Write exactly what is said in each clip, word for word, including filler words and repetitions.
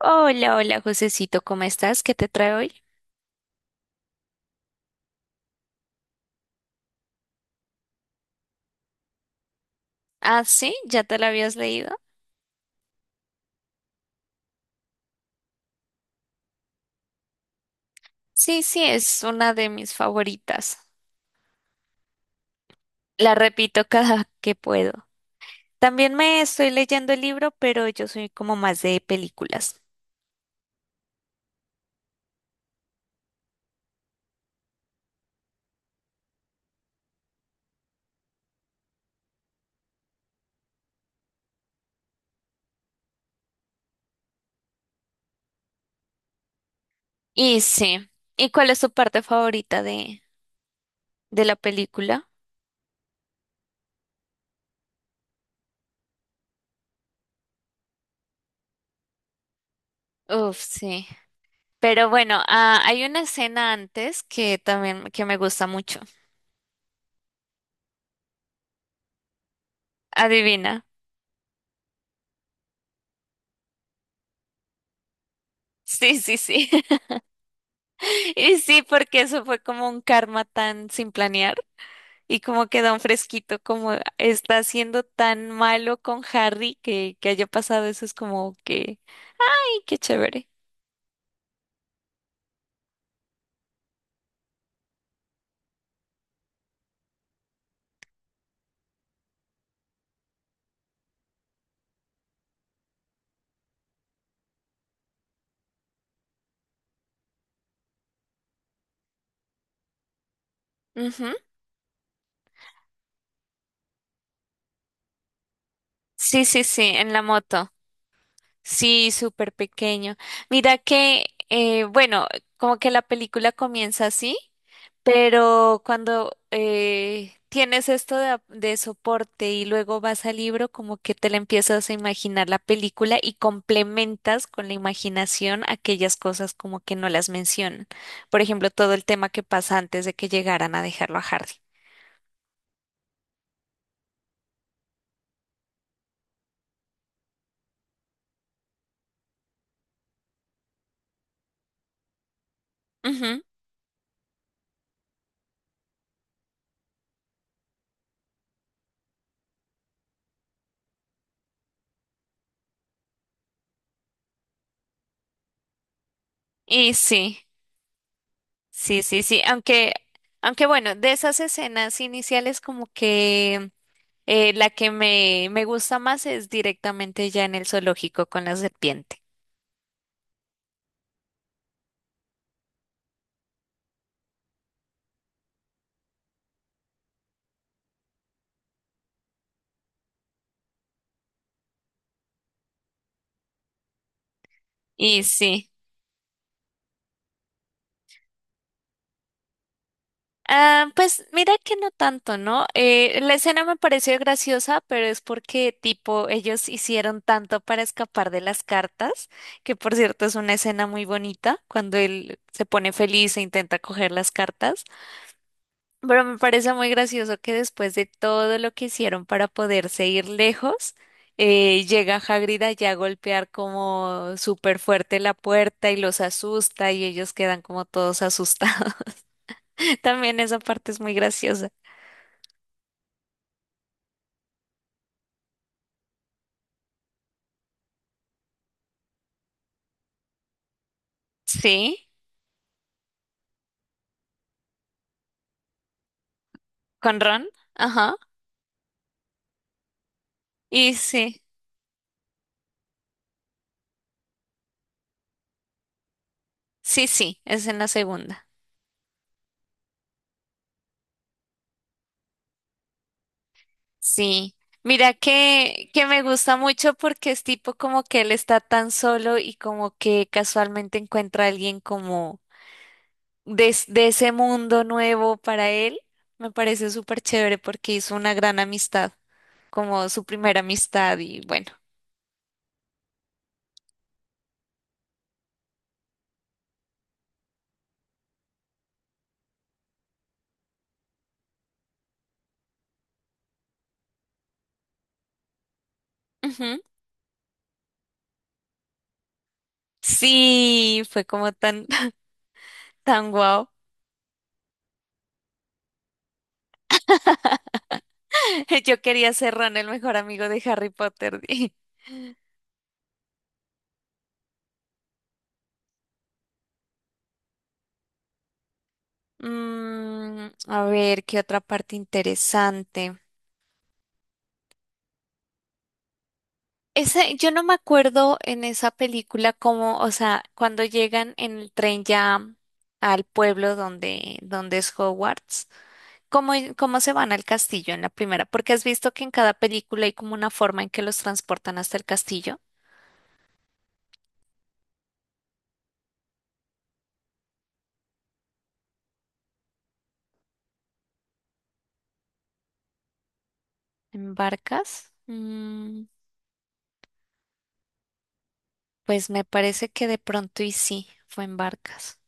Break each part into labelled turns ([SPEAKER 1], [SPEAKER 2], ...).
[SPEAKER 1] Hola, hola, Josecito, ¿cómo estás? ¿Qué te trae hoy? Ah, sí, ¿ya te la habías leído? Sí, sí, es una de mis favoritas. La repito cada que puedo. También me estoy leyendo el libro, pero yo soy como más de películas. Y sí, ¿y cuál es tu parte favorita de, de la película? Uf, sí. Pero bueno, ah, hay una escena antes que también que me gusta mucho. Adivina. Sí, sí, sí. Y sí, porque eso fue como un karma tan sin planear. Y como que da un fresquito, como está siendo tan malo con Harry que, que haya pasado eso, es como que, ¡ay, qué chévere! Ujú. Sí, sí, sí, en la moto. Sí, súper pequeño. Mira que, eh, bueno, como que la película comienza así. Pero cuando eh, tienes esto de, ap- de soporte y luego vas al libro, como que te la empiezas a imaginar la película y complementas con la imaginación aquellas cosas como que no las mencionan. Por ejemplo, todo el tema que pasa antes de que llegaran a dejarlo a Hardy. Ujú. Y sí, sí, sí, sí. Aunque, aunque bueno, de esas escenas iniciales como que eh, la que me, me gusta más es directamente ya en el zoológico con la serpiente. Y sí. Ah, pues mira que no tanto, ¿no? Eh, la escena me pareció graciosa, pero es porque tipo ellos hicieron tanto para escapar de las cartas, que por cierto es una escena muy bonita cuando él se pone feliz e intenta coger las cartas, pero me parece muy gracioso que después de todo lo que hicieron para poderse ir lejos, eh, llega Hagrid allá a golpear como súper fuerte la puerta y los asusta y ellos quedan como todos asustados. También esa parte es muy graciosa. Sí, con Ron, ajá. Y sí, sí, sí, es en la segunda. Sí. Mira que, que me gusta mucho porque es tipo como que él está tan solo y como que casualmente encuentra a alguien como de, es- de ese mundo nuevo para él, me parece súper chévere porque hizo una gran amistad, como su primera amistad y bueno, ujú. Sí, fue como tan, tan guau. Yo quería ser Ron, el mejor amigo de Harry Potter. di. Mm, a ver, qué otra parte interesante. Ese, yo no me acuerdo en esa película cómo, o sea, cuando llegan en el tren ya al pueblo donde, donde es Hogwarts, cómo, cómo se van al castillo en la primera, porque has visto que en cada película hay como una forma en que los transportan hasta el castillo. ¿En barcas? Mm, pues me parece que de pronto y sí, fue en barcas.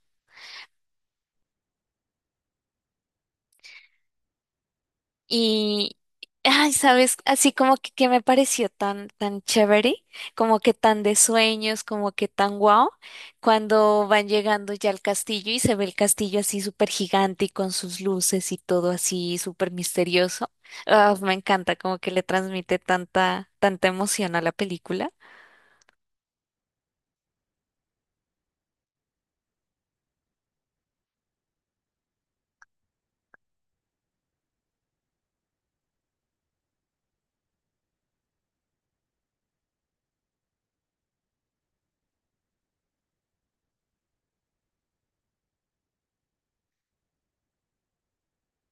[SPEAKER 1] Y, ay, ¿sabes? Así como que, que me pareció tan, tan chévere, como que tan de sueños, como que tan guau, cuando van llegando ya al castillo y se ve el castillo así súper gigante y con sus luces y todo así súper misterioso. Ah, me encanta, como que le transmite tanta, tanta emoción a la película.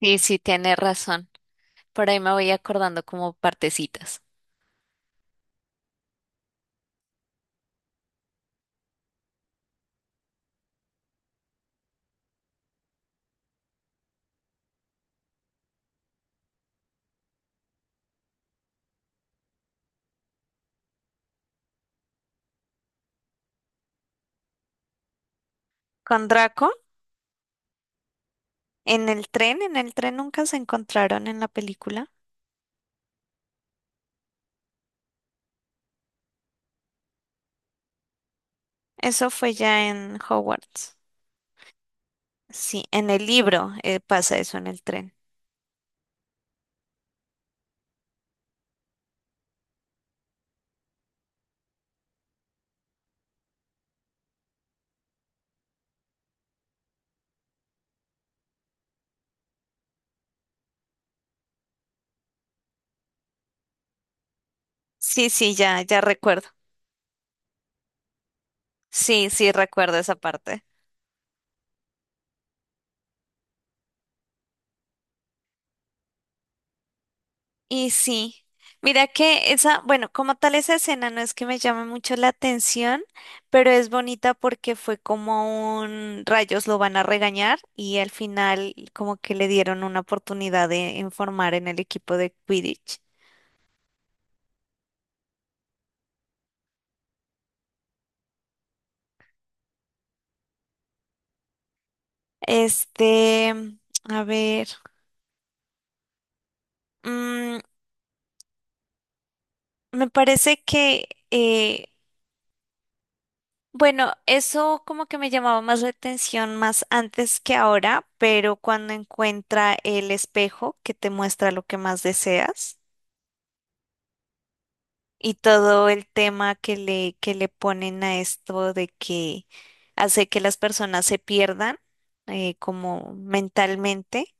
[SPEAKER 1] Y sí, tiene razón. Por ahí me voy acordando como partecitas. Con Draco, en el tren, en el tren nunca se encontraron en la película. Eso fue ya en Hogwarts. Sí, en el libro eh, pasa eso en el tren. Sí, sí, ya, ya recuerdo. Sí, sí, recuerdo esa parte. Y sí, mira que esa, bueno, como tal esa escena no es que me llame mucho la atención, pero es bonita porque fue como un rayos lo van a regañar y al final como que le dieron una oportunidad de informar en el equipo de Quidditch. Este, a ver, mm, me parece que eh, bueno, eso como que me llamaba más la atención más antes que ahora, pero cuando encuentra el espejo que te muestra lo que más deseas y todo el tema que le, que le ponen a esto de que hace que las personas se pierdan eh, como mentalmente.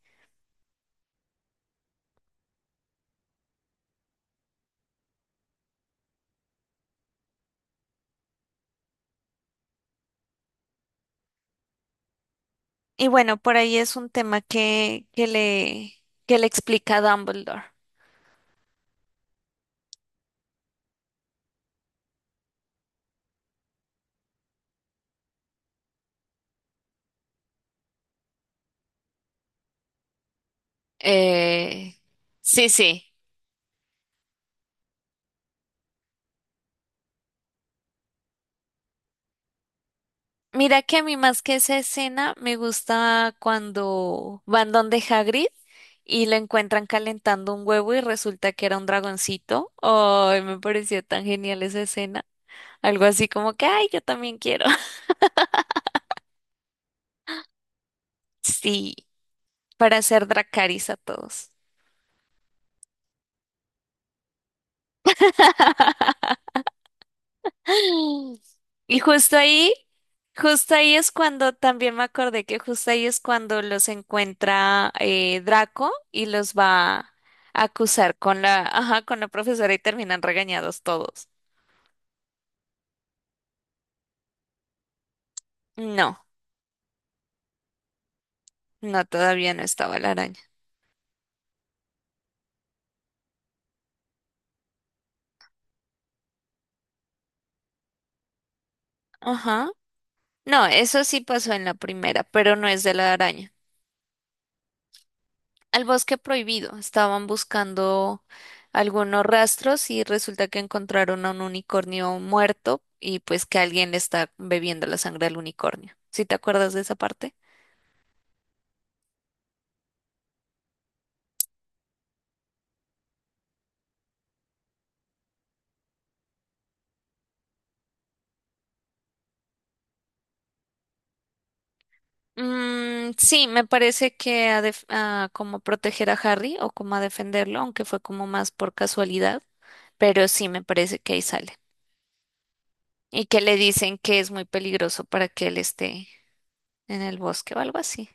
[SPEAKER 1] Y bueno, por ahí es un tema que, que le, que le explica Dumbledore. Eh, sí, sí. Mira que a mí más que esa escena me gusta cuando van donde Hagrid y lo encuentran calentando un huevo y resulta que era un dragoncito. Ay, me pareció tan genial esa escena. Algo así como que, ay, yo también quiero. Sí, para hacer Dracaris a todos. Y justo ahí, justo ahí es cuando también me acordé que justo ahí es cuando los encuentra eh, Draco y los va a acusar con la, ajá, con la profesora y terminan regañados todos. No, no, todavía no estaba la araña. Ajá. No, eso sí pasó en la primera, pero no es de la araña. Al bosque prohibido. Estaban buscando algunos rastros y resulta que encontraron a un unicornio muerto y pues que alguien le está bebiendo la sangre al unicornio. ¿Sí te acuerdas de esa parte? Mm, sí, me parece que a def- a como proteger a Harry o como a defenderlo, aunque fue como más por casualidad, pero sí me parece que ahí sale. Y que le dicen que es muy peligroso para que él esté en el bosque o algo así.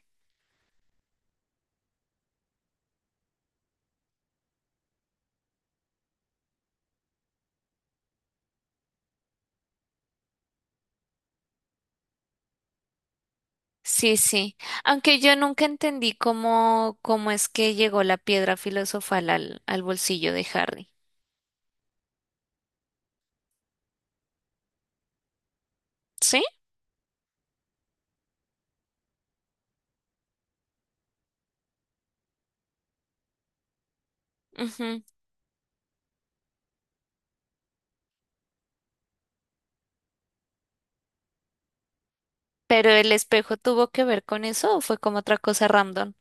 [SPEAKER 1] Sí, sí. Aunque yo nunca entendí cómo, cómo es que llegó la piedra filosofal al, al bolsillo de Harry. ¿Sí? Ujú. ¿Pero el espejo tuvo que ver con eso o fue como otra cosa random?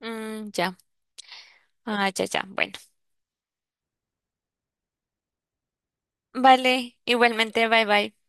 [SPEAKER 1] Mm, ya. Ah, ya, ya. Bueno. Vale. Igualmente, bye bye.